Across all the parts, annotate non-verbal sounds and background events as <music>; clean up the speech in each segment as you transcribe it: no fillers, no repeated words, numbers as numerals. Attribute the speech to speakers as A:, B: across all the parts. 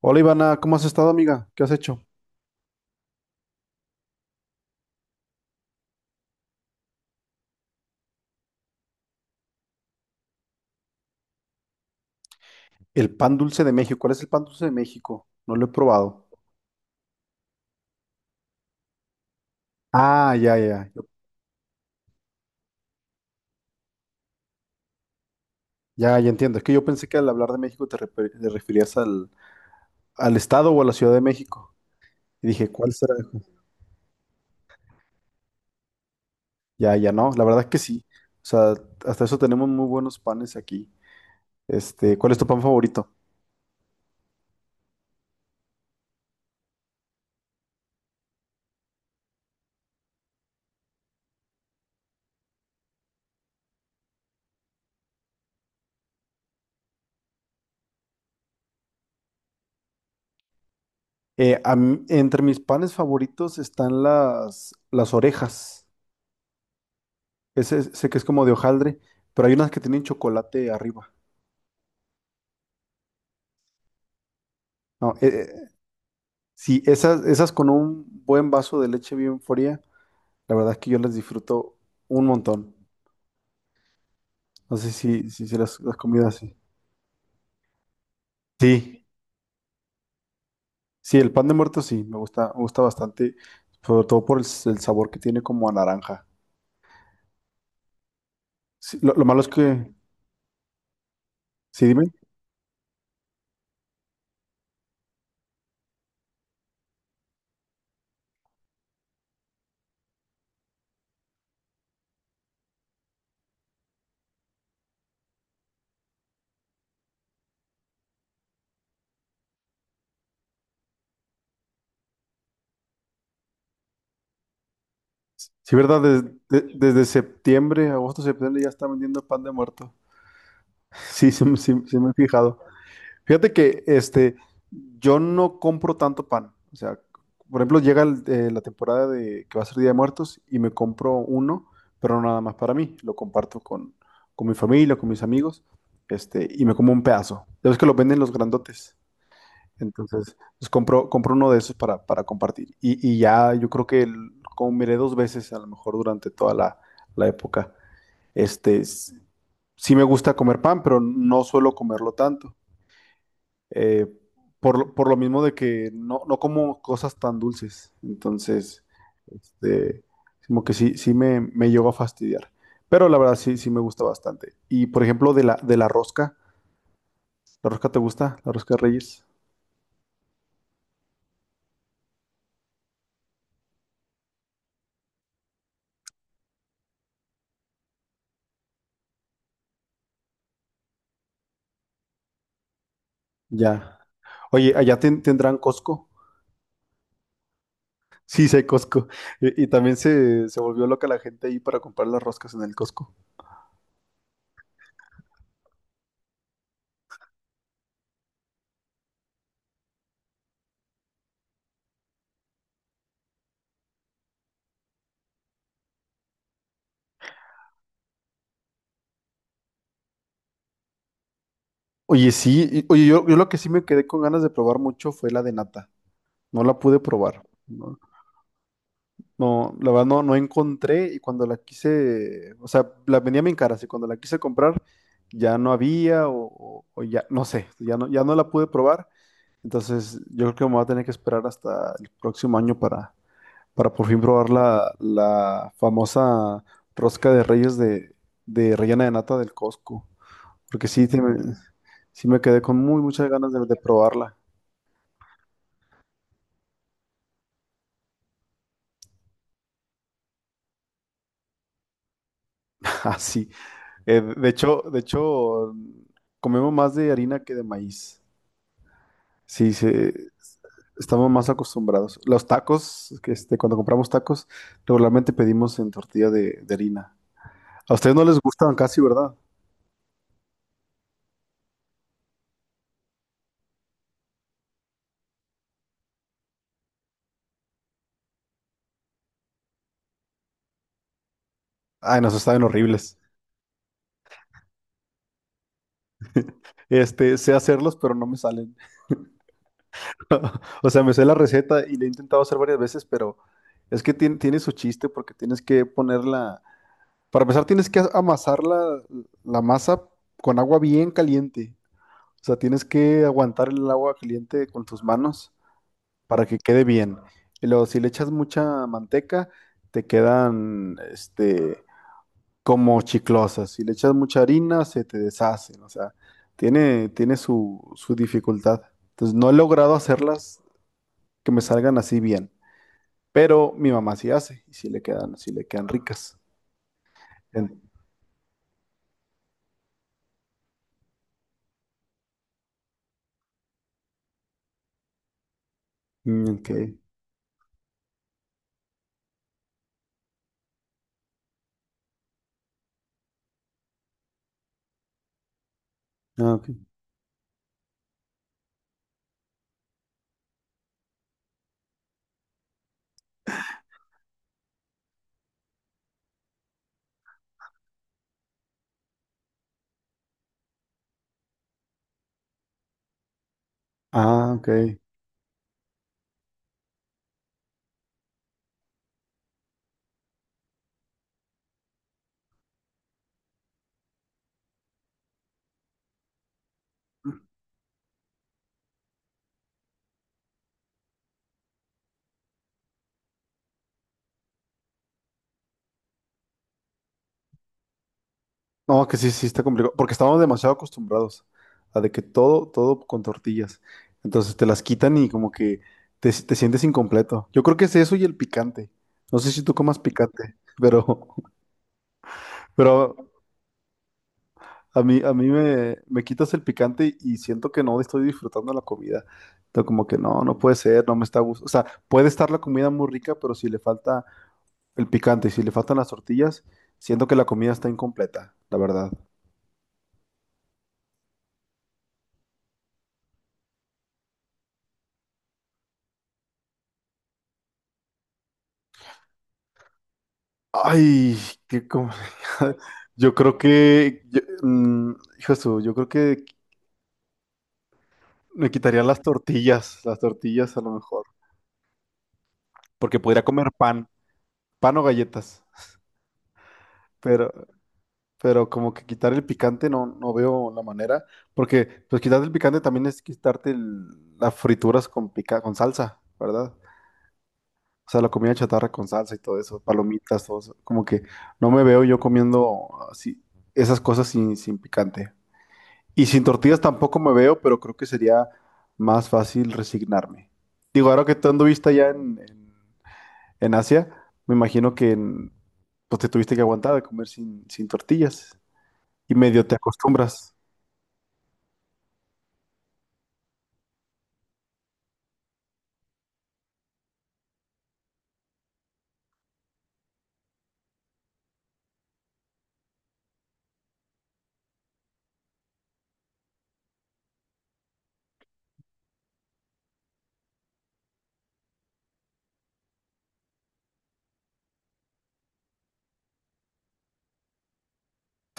A: Hola Ivana, ¿cómo has estado, amiga? ¿Qué has hecho? El pan dulce de México. ¿Cuál es el pan dulce de México? No lo he probado. Ah, ya, entiendo. Es que yo pensé que al hablar de México te referías al, al estado o a la Ciudad de México. Y dije, ¿cuál será? Ya, ya, no. La verdad es que sí. O sea, hasta eso tenemos muy buenos panes aquí. ¿Cuál es tu pan favorito? A mí- entre mis panes favoritos están las orejas. Ese, sé que es como de hojaldre, pero hay unas que tienen chocolate arriba. No, sí, esas con un buen vaso de leche bien fría, la verdad es que yo las disfruto un montón. No sé si las comidas así. Sí, sí, el pan de muerto sí, me gusta bastante, sobre todo por el sabor que tiene como a naranja. Sí, lo malo es que, sí, dime. Sí, ¿verdad? Desde septiembre, agosto, septiembre ya está vendiendo pan de muerto. <laughs> Sí, sí, sí, sí me he fijado. Fíjate que yo no compro tanto pan. O sea, por ejemplo, llega la temporada de que va a ser Día de Muertos y me compro uno, pero no nada más para mí. Lo comparto con mi familia, con mis amigos, y me como un pedazo. Ya ves que lo venden los grandotes. Entonces, pues compro uno de esos para compartir. Y ya yo creo que comeré dos veces a lo mejor durante toda la época. Este, s- sí me gusta comer pan, pero no suelo comerlo tanto eh, por, por lo mismo de que no, no como cosas tan dulces. Entonces, este, como que sí, sí me llegó a fastidiar. Pero la verdad sí, sí me gusta bastante. Y por ejemplo, de de ¿la rosca te gusta? ¿La rosca de Reyes? Ya. Oye, ¿allá tendrán Costco? <laughs> Sí, sí hay Costco. Y también se volvió loca la gente ahí para comprar las roscas en el Costco. Oye, sí, oye, yo lo que sí me quedé con ganas de probar mucho fue la de nata. No la pude probar. No, no, la verdad no, no encontré y cuando la quise, o sea, la vendía bien cara, y cuando la quise comprar ya no había o ya, no sé, ya no la pude probar, entonces yo creo que me voy a tener que esperar hasta el próximo año para por fin probar la famosa rosca de reyes de rellena de nata del Costco, porque sí, sí me quedé con muy muchas ganas de probarla. <laughs> Así, de hecho, comemos más de harina que de maíz. Sí, estamos más acostumbrados. Los tacos, que cuando compramos tacos, regularmente pedimos en tortilla de harina. A ustedes no les gustan casi, ¿verdad? Ay, nos saben horribles. Sé hacerlos, pero no me salen. <laughs> O sea, me sé la receta y la he intentado hacer varias veces, pero es que tiene, su chiste porque tienes que ponerla. Para empezar, tienes que amasar la masa con agua bien caliente. O sea, tienes que aguantar el agua caliente con tus manos para que quede bien. Y luego, si le echas mucha manteca, te quedan, como chiclosas. Si le echas mucha harina, se te deshacen. O sea, tiene, tiene su dificultad. Entonces, no he logrado hacerlas que me salgan así bien. Pero mi mamá sí hace y sí le quedan ricas. En- ok. Ah, ok. Ah, ok. No, que sí, sí está complicado, porque estamos demasiado acostumbrados a de que todo, todo con tortillas. Entonces te las quitan y como que te sientes incompleto. Yo creo que es eso y el picante. No sé si tú comas picante, pero, <laughs> pero a mí me quitas el picante y siento que no estoy disfrutando la comida. Entonces como que no, no puede ser, no me está gustando. O sea, puede estar la comida muy rica, pero si le falta el picante y si le faltan las tortillas, siento que la comida está incompleta, la verdad. Ay, qué complicado. <laughs> Yo creo que, hijo de su, yo creo que me quitaría las tortillas a lo mejor, porque podría comer pan, pan o galletas, pero, pero como que quitar el picante no, no veo la manera, porque pues quitar el picante también es quitarte las frituras con pica, con salsa, ¿verdad? O sea, la comida chatarra con salsa y todo eso, palomitas, todo eso, como que no me veo yo comiendo así, esas cosas sin, sin picante. Y sin tortillas tampoco me veo, pero creo que sería más fácil resignarme. Digo, ahora que tú anduviste allá en, en Asia, me imagino que pues te tuviste que aguantar de comer sin, sin tortillas. Y medio te acostumbras.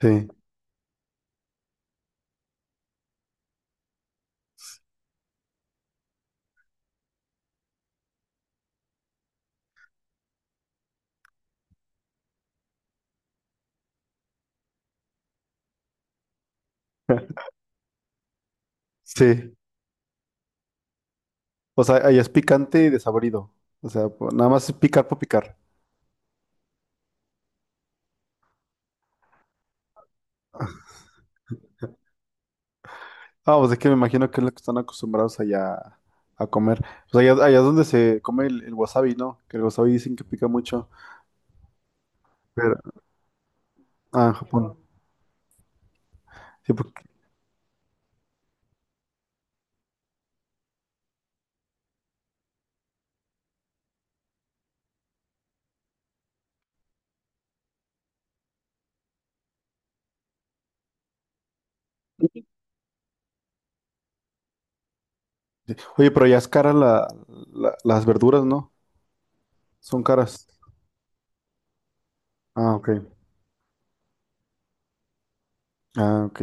A: Sí. <laughs> Sí. O sea, allá es picante y desabrido. O sea, nada más es picar por picar. Ah, pues es que me imagino que es lo que están acostumbrados allá a comer. Pues allá, allá es donde se come el wasabi, ¿no? Que el wasabi dicen que pica mucho. Pero, ah, en Japón. Sí, por- Oye, pero ya es cara las verduras, ¿no? Son caras. Ah, ok. Ah, ok.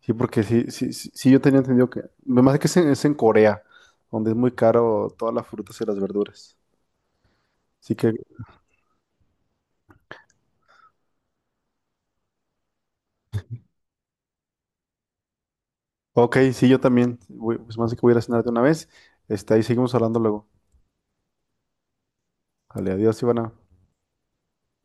A: Sí, porque sí, sí, sí, sí, yo tenía entendido que... Me parece que es es en Corea, donde es muy caro todas las frutas y las verduras. Así que, ok, sí, yo también. Voy- pues más que voy a ir a cenar de una vez. Ahí seguimos hablando luego. Vale, adiós, Ivana.